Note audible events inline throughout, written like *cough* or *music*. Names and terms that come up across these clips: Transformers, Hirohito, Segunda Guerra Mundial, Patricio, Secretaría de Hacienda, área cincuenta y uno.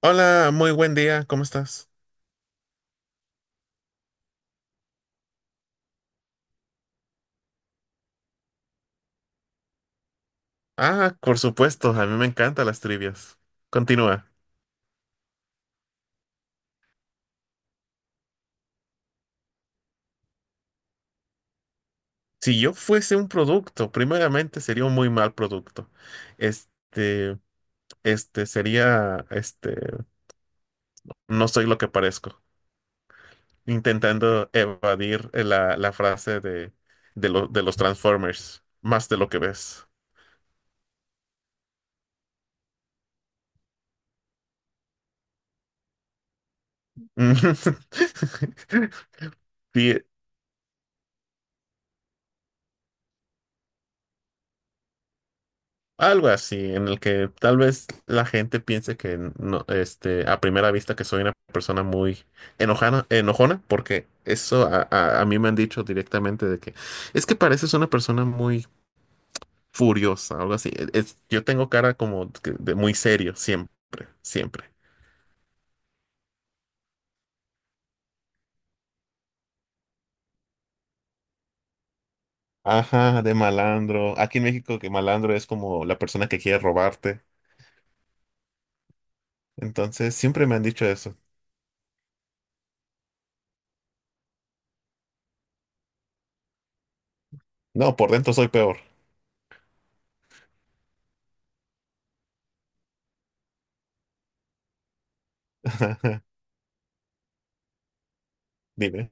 Hola, muy buen día, ¿cómo estás? Ah, por supuesto, a mí me encantan las trivias. Continúa. Si yo fuese un producto, primeramente sería un muy mal producto. Este, este sería, este, no soy lo que parezco, intentando evadir la frase de los Transformers, más de lo que ves. *laughs* Sí, algo así, en el que tal vez la gente piense que no, a primera vista, que soy una persona muy enojona, porque eso a mí me han dicho directamente de que es que pareces una persona muy furiosa, algo así. Yo tengo cara como que de muy serio, siempre, siempre. Ajá, de malandro. Aquí en México, que malandro es como la persona que quiere robarte. Entonces siempre me han dicho eso. No, por dentro soy peor. *laughs* Dime.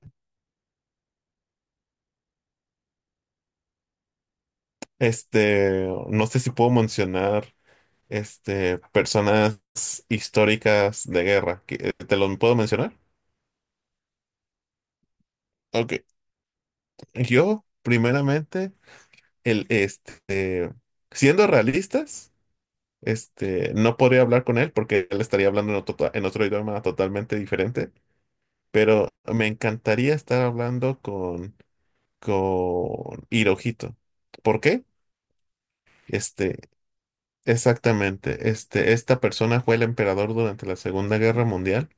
No sé si puedo mencionar, personas históricas de guerra. ¿Te lo puedo mencionar? Ok. Yo, primeramente, el, este, siendo realistas, no podría hablar con él, porque él estaría hablando en otro idioma totalmente diferente, pero me encantaría estar hablando con Hirohito. ¿Por qué? Este, Exactamente, esta persona fue el emperador durante la Segunda Guerra Mundial,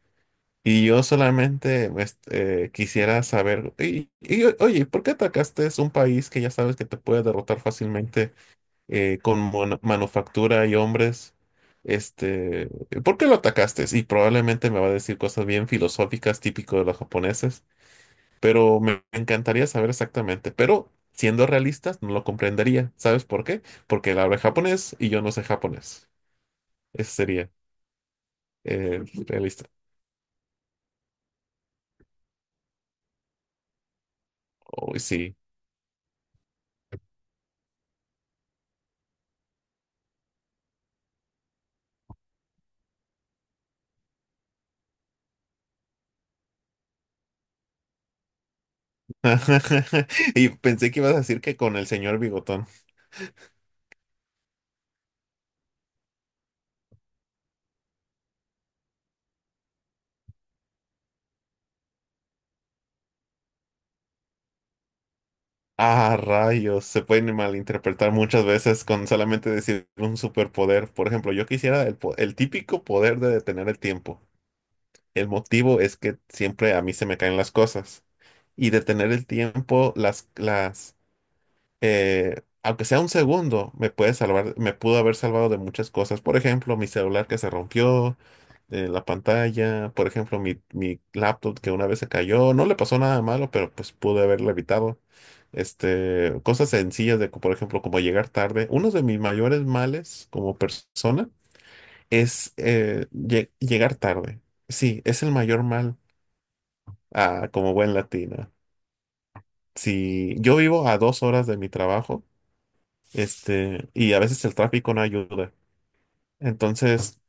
y yo solamente quisiera saber, oye, ¿por qué atacaste? Es un país que ya sabes que te puede derrotar fácilmente con manufactura y hombres. Este, ¿Por qué lo atacaste? Y probablemente me va a decir cosas bien filosóficas, típico de los japoneses, pero me encantaría saber exactamente, pero siendo realistas no lo comprendería. ¿Sabes por qué? Porque él habla japonés y yo no sé japonés. Eso sería realista. Uy, sí. *laughs* Y pensé que ibas a decir que con el señor Bigotón. Ah, rayos. Se pueden malinterpretar muchas veces con solamente decir un superpoder. Por ejemplo, yo quisiera el típico poder de detener el tiempo. El motivo es que siempre a mí se me caen las cosas. Y detener el tiempo, aunque sea un segundo, me puede salvar, me pudo haber salvado de muchas cosas. Por ejemplo, mi celular que se rompió, la pantalla; por ejemplo, mi laptop que una vez se cayó. No le pasó nada malo, pero pues pude haberlo evitado. Cosas sencillas de, por ejemplo, como llegar tarde. Uno de mis mayores males como persona es llegar tarde. Sí, es el mayor mal, ah, como buen latino. Si yo vivo a dos horas de mi trabajo, y a veces el tráfico no ayuda. Entonces,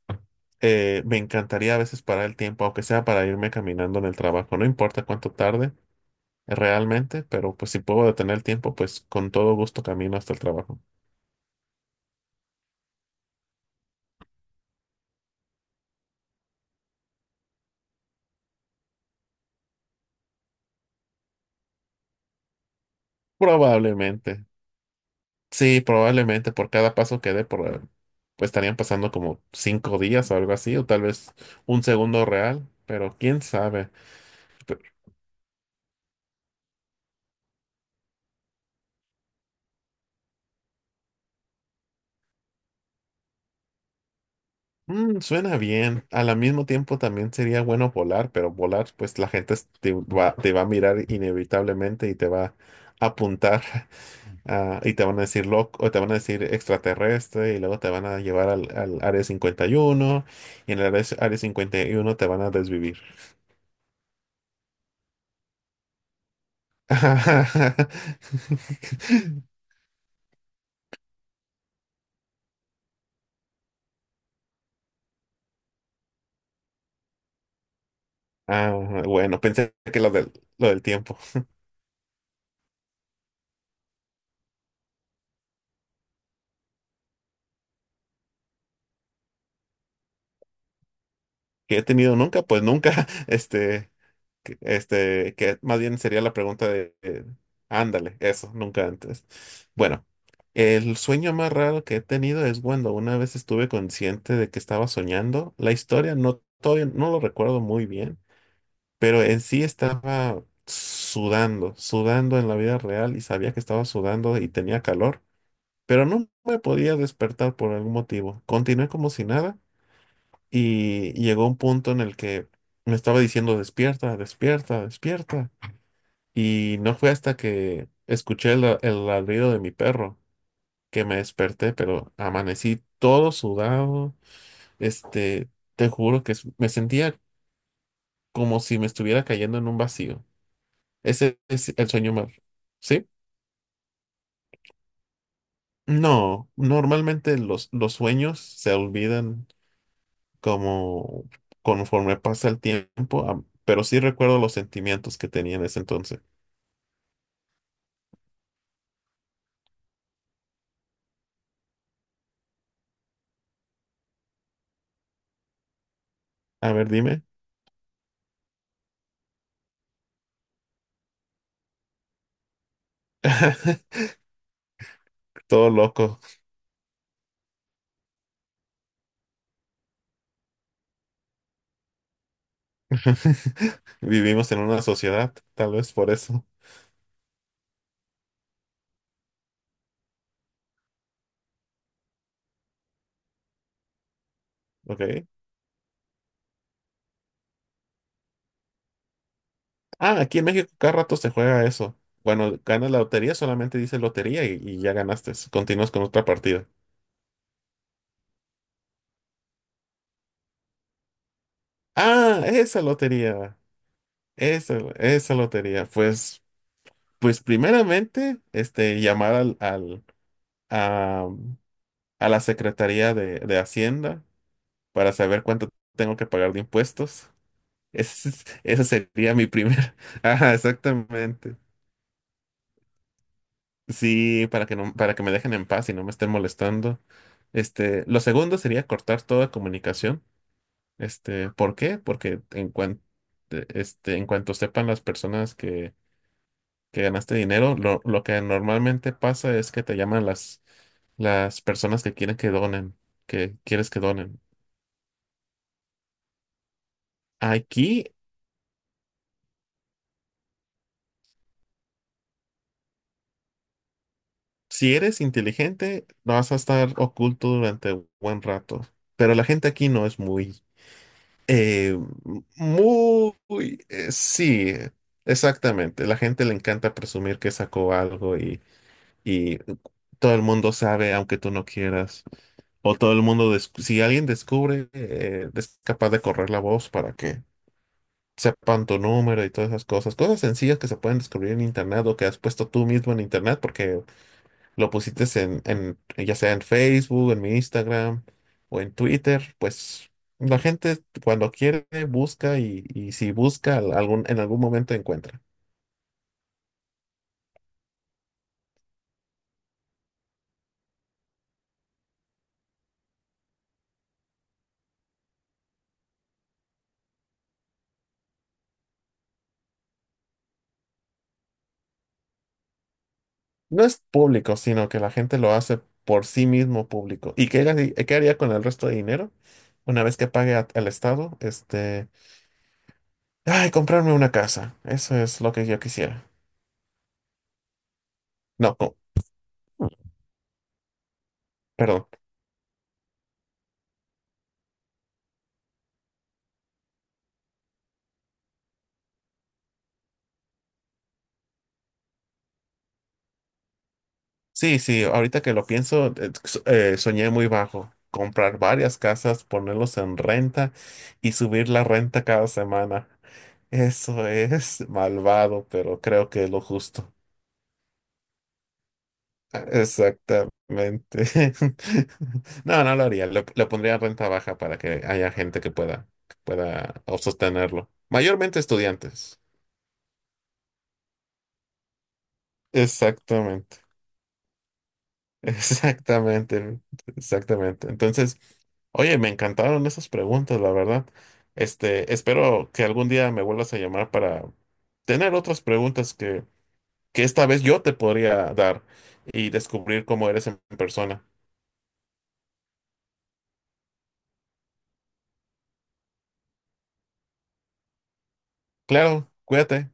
me encantaría a veces parar el tiempo, aunque sea para irme caminando en el trabajo. No importa cuánto tarde realmente, pero pues si puedo detener el tiempo, pues con todo gusto camino hasta el trabajo. Probablemente. Sí, probablemente por cada paso que dé, pues estarían pasando como cinco días o algo así, o tal vez un segundo real, pero quién sabe. Mm, suena bien. Al mismo tiempo también sería bueno volar, pero volar, pues la gente te va a mirar inevitablemente y te va a apuntar. *laughs* Ah, y te van a decir loco, o te van a decir extraterrestre, y luego te van a llevar al área 51, y en el área 51 te van a desvivir. *laughs* Ah, bueno, pensé que lo lo del tiempo. Que he tenido nunca, pues nunca, *laughs* este. Que más bien sería la pregunta de, ándale, eso, nunca antes. Bueno, el sueño más raro que he tenido es cuando una vez estuve consciente de que estaba soñando. La historia no, todavía no lo recuerdo muy bien, pero en sí estaba sudando, sudando en la vida real, y sabía que estaba sudando y tenía calor, pero no me podía despertar por algún motivo. Continué como si nada, y llegó un punto en el que me estaba diciendo despierta, despierta, despierta. Y no fue hasta que escuché el ladrido de mi perro que me desperté, pero amanecí todo sudado. Este, Te juro que me sentía como si me estuviera cayendo en un vacío. Ese es el sueño más. ¿Sí? No, normalmente los sueños se olvidan como conforme pasa el tiempo, pero sí recuerdo los sentimientos que tenía en ese entonces. A ver, dime. *laughs* Todo loco. *laughs* Vivimos en una sociedad, tal vez por eso. Ok. Ah, aquí en México cada rato se juega eso. Bueno, ganas la lotería, solamente dice lotería y ya ganaste. Continúas con otra partida. Ah, esa lotería. Esa lotería. Pues, pues primeramente, llamar a, a la Secretaría de Hacienda para saber cuánto tengo que pagar de impuestos. *laughs* Ese sería mi primer. *laughs* Ajá, exactamente. Sí, para que no, para que me dejen en paz y no me estén molestando. Lo segundo sería cortar toda comunicación. ¿Por qué? Porque en cuanto sepan las personas que ganaste dinero, lo que normalmente pasa es que te llaman las personas que quieren que donen, que quieres que donen. Aquí, si eres inteligente, vas a estar oculto durante un buen rato. Pero la gente aquí no es muy... Eh, muy, sí, exactamente. La gente le encanta presumir que sacó algo, y todo el mundo sabe, aunque tú no quieras. O todo el mundo, si alguien descubre, es capaz de correr la voz para que sepan tu número y todas esas cosas. Cosas sencillas que se pueden descubrir en internet, o que has puesto tú mismo en internet, porque lo pusiste ya sea en Facebook, en mi Instagram o en Twitter, pues la gente cuando quiere busca, y si busca algún, en algún momento encuentra. No es público, sino que la gente lo hace por sí mismo público. ¿Y qué haría con el resto de dinero? Una vez que pague al Estado, este... Ay, comprarme una casa. Eso es lo que yo quisiera. No, co- Perdón. Sí, sí, ahorita que lo pienso, soñé muy bajo. Comprar varias casas, ponerlos en renta y subir la renta cada semana. Eso es *laughs* malvado, pero creo que es lo justo. Exactamente. *laughs* No, no lo haría. Lo pondría en renta baja para que haya gente que pueda sostenerlo. Mayormente estudiantes. Exactamente. *laughs* Exactamente, exactamente. Entonces, oye, me encantaron esas preguntas, la verdad. Espero que algún día me vuelvas a llamar para tener otras preguntas que esta vez yo te podría dar y descubrir cómo eres en persona. Claro, cuídate.